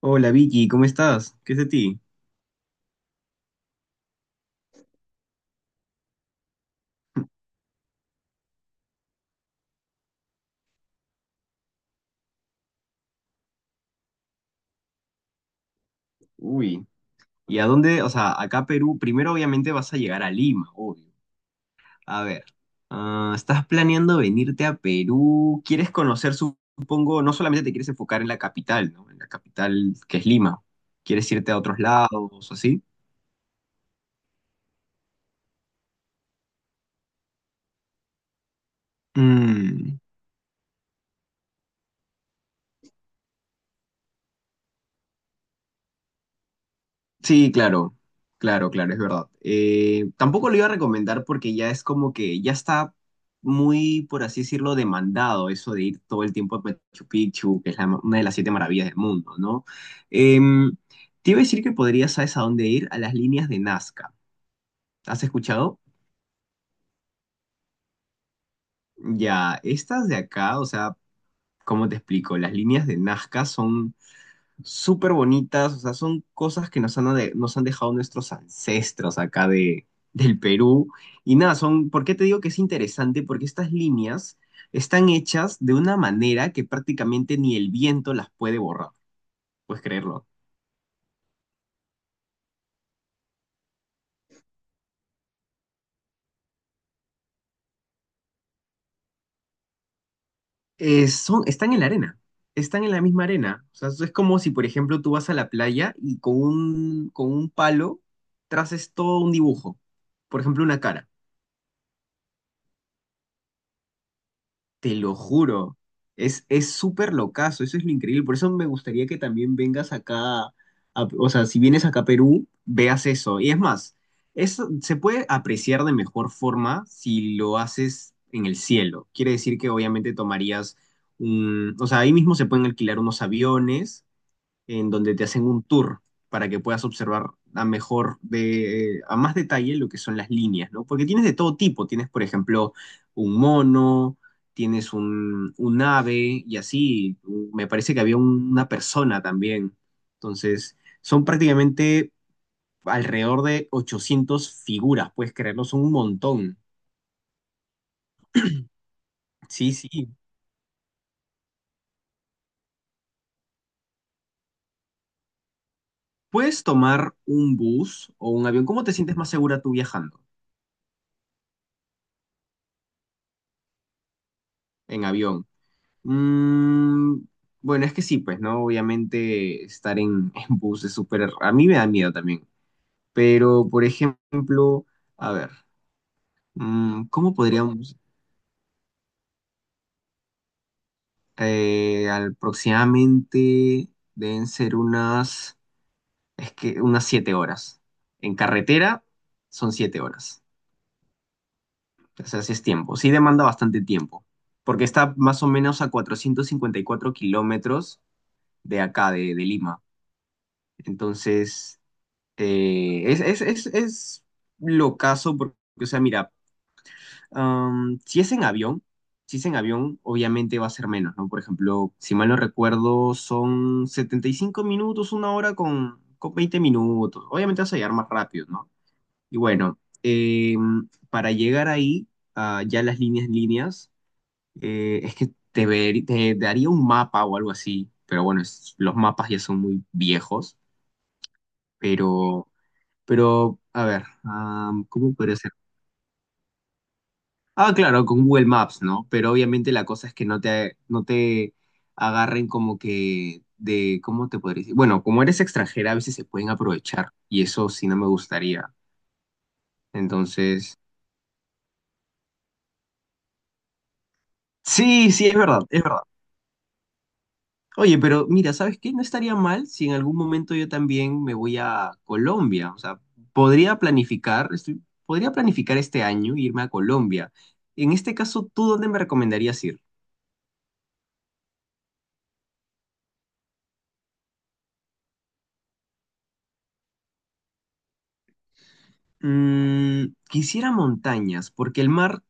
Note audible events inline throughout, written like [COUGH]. Hola Vicky, ¿cómo estás? ¿Qué es de ti? Uy, ¿y a dónde? O sea, acá Perú, primero obviamente vas a llegar a Lima, obvio. A ver, ¿estás planeando venirte a Perú? Quieres conocer, supongo, no solamente te quieres enfocar en la capital, ¿no? En la capital que es Lima. ¿Quieres irte a otros lados o así? Mm. Sí, claro, claro, claro, es verdad. Tampoco lo iba a recomendar porque ya es como que ya está muy, por así decirlo, demandado eso de ir todo el tiempo a Machu Picchu, que es una de las siete maravillas del mundo, ¿no? Em, Te iba a decir que podrías, ¿sabes a dónde ir? A las líneas de Nazca. ¿Has escuchado? Ya, estas de acá, o sea, ¿cómo te explico? Las líneas de Nazca son súper bonitas, o sea, son cosas que nos han, nos han dejado nuestros ancestros acá de, del Perú. Y nada, son, ¿por qué te digo que es interesante? Porque estas líneas están hechas de una manera que prácticamente ni el viento las puede borrar, puedes creerlo. Son, están en la arena, están en la misma arena. O sea, es como si, por ejemplo, tú vas a la playa y con un palo traces todo un dibujo, por ejemplo, una cara. Te lo juro, es súper locazo, eso es lo increíble. Por eso me gustaría que también vengas acá, o sea, si vienes acá a Perú, veas eso. Y es más, eso se puede apreciar de mejor forma si lo haces en el cielo. Quiere decir que obviamente tomarías un, o sea, ahí mismo se pueden alquilar unos aviones en donde te hacen un tour para que puedas observar a mejor de a más detalle lo que son las líneas, ¿no? Porque tienes de todo tipo, tienes por ejemplo un mono, tienes un ave y así, me parece que había una persona también. Entonces, son prácticamente alrededor de 800 figuras, puedes creerlo, son un montón. Sí, sí. Puedes tomar un bus o un avión. ¿Cómo te sientes más segura tú viajando en avión? Mm, bueno, es que sí, pues, ¿no? Obviamente estar en bus es súper... A mí me da miedo también. Pero, por ejemplo, a ver, ¿cómo podríamos... aproximadamente deben ser unas... Es que unas 7 horas. En carretera son 7 horas. O sea, sí es tiempo. Sí demanda bastante tiempo. Porque está más o menos a 454 kilómetros de acá, de Lima. Entonces es locazo porque, o sea, mira, am, si es en avión, si es en avión, obviamente va a ser menos, ¿no? Por ejemplo, si mal no recuerdo, son 75 minutos, una hora con 20 minutos. Obviamente vas a llegar más rápido, ¿no? Y bueno, para llegar ahí, a ya líneas, es que te, te daría un mapa o algo así, pero bueno, los mapas ya son muy viejos, pero... Pero, a ver, ¿cómo podría ser? Ah, claro, con Google Maps, ¿no? Pero obviamente la cosa es que no te agarren como que de, ¿cómo te podría decir? Bueno, como eres extranjera, a veces se pueden aprovechar y eso sí no me gustaría. Entonces, sí, sí, es verdad, es verdad. Oye, pero mira, ¿sabes qué? No estaría mal si en algún momento yo también me voy a Colombia. O sea, podría planificar este año irme a Colombia. En este caso, ¿tú dónde me recomendarías ir? Mm, quisiera montañas, porque el mar,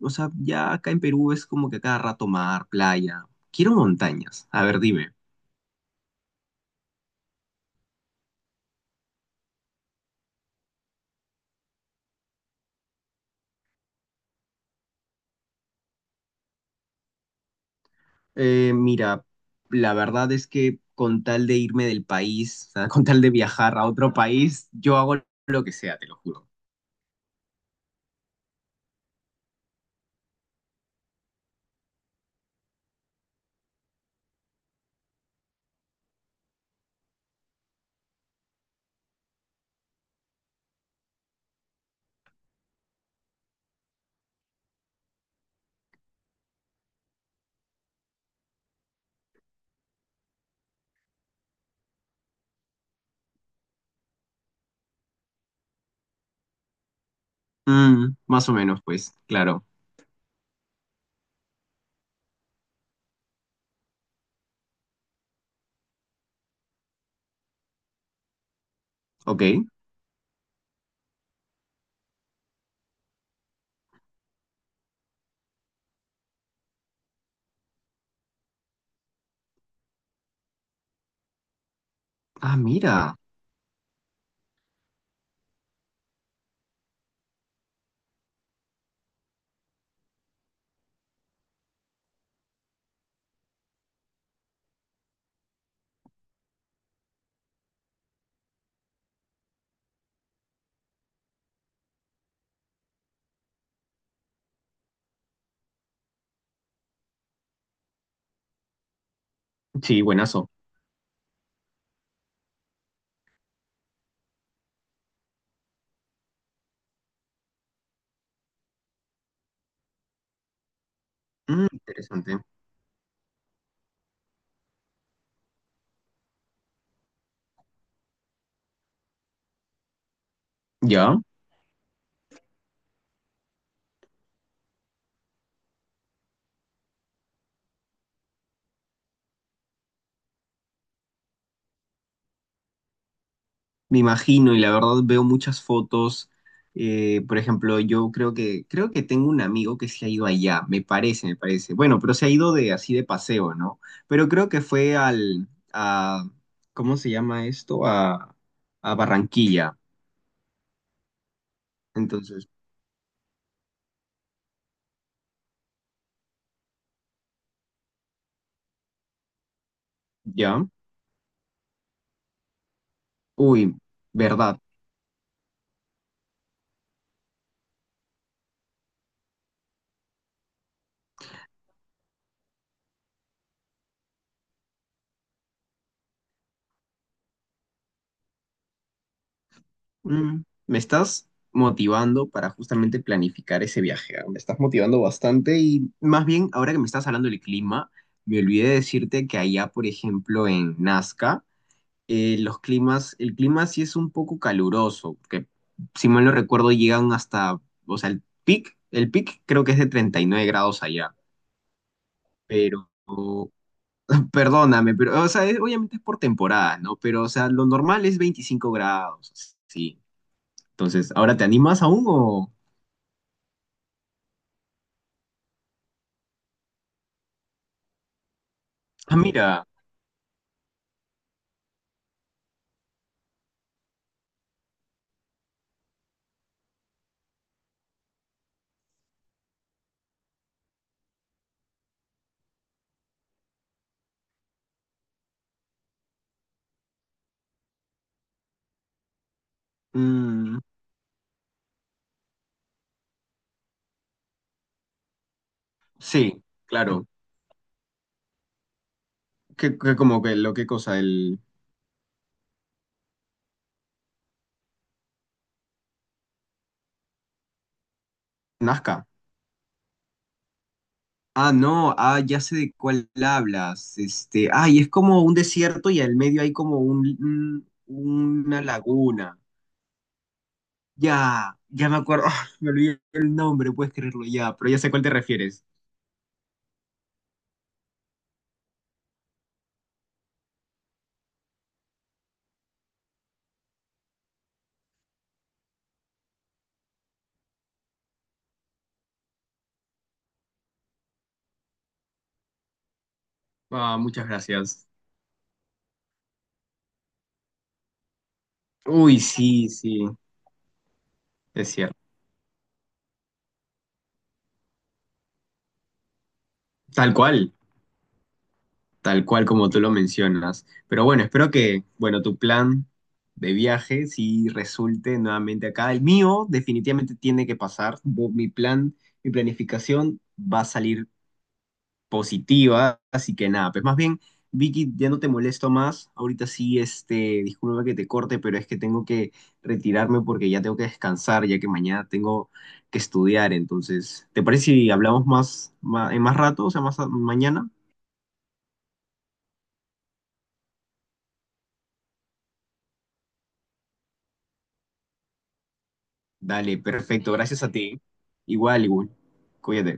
o sea, ya acá en Perú es como que a cada rato mar, playa. Quiero montañas. A ver, dime. Mira, la verdad es que con tal de irme del país, o sea, con tal de viajar a otro país, yo hago lo que sea, te lo juro. Mm, más o menos, pues, claro. Ok. Ah, mira. Sí, buenazo. Mm, interesante. ¿Ya? Me imagino, y la verdad veo muchas fotos. Por ejemplo, yo creo que tengo un amigo que se ha ido allá, me parece, me parece. Bueno, pero se ha ido de así de paseo, ¿no? Pero creo que fue al, a, ¿cómo se llama esto? A Barranquilla. Entonces, ya. Uy, verdad. Mm, me estás motivando para justamente planificar ese viaje. ¿Ah? Me estás motivando bastante y más bien, ahora que me estás hablando del clima, me olvidé decirte que allá, por ejemplo, en Nazca, el clima sí es un poco caluroso, porque si mal no recuerdo llegan hasta, o sea, el pic creo que es de 39 grados allá, pero... [LAUGHS] Perdóname, pero, o sea, obviamente es por temporada, ¿no? Pero, o sea, lo normal es 25 grados, sí. Entonces, ¿ahora te animas aún o...? Ah, mira, mm, sí, claro. ¿Qué, como que lo qué cosa? El Nazca. Ah, no, ah, ya sé de cuál hablas. Este, ay, es como un desierto y al medio hay como una laguna. Ya, ya me acuerdo. [LAUGHS] Ah, me olvidé el nombre, puedes creerlo ya, pero ya sé a cuál te refieres. Ah, muchas gracias. Uy, sí, sí, es cierto. Tal cual. Tal cual como tú lo mencionas. Pero bueno, espero que, bueno, tu plan de viaje sí resulte nuevamente acá. El mío definitivamente tiene que pasar. Mi plan, mi planificación va a salir positiva. Así que nada, pues más bien, Vicky, ya no te molesto más. Ahorita sí, este, disculpa que te corte, pero es que tengo que retirarme porque ya tengo que descansar, ya que mañana tengo que estudiar. Entonces, ¿te parece si hablamos más, en más rato, o sea, mañana? Dale, perfecto, gracias a ti. Igual, igual. Cuídate.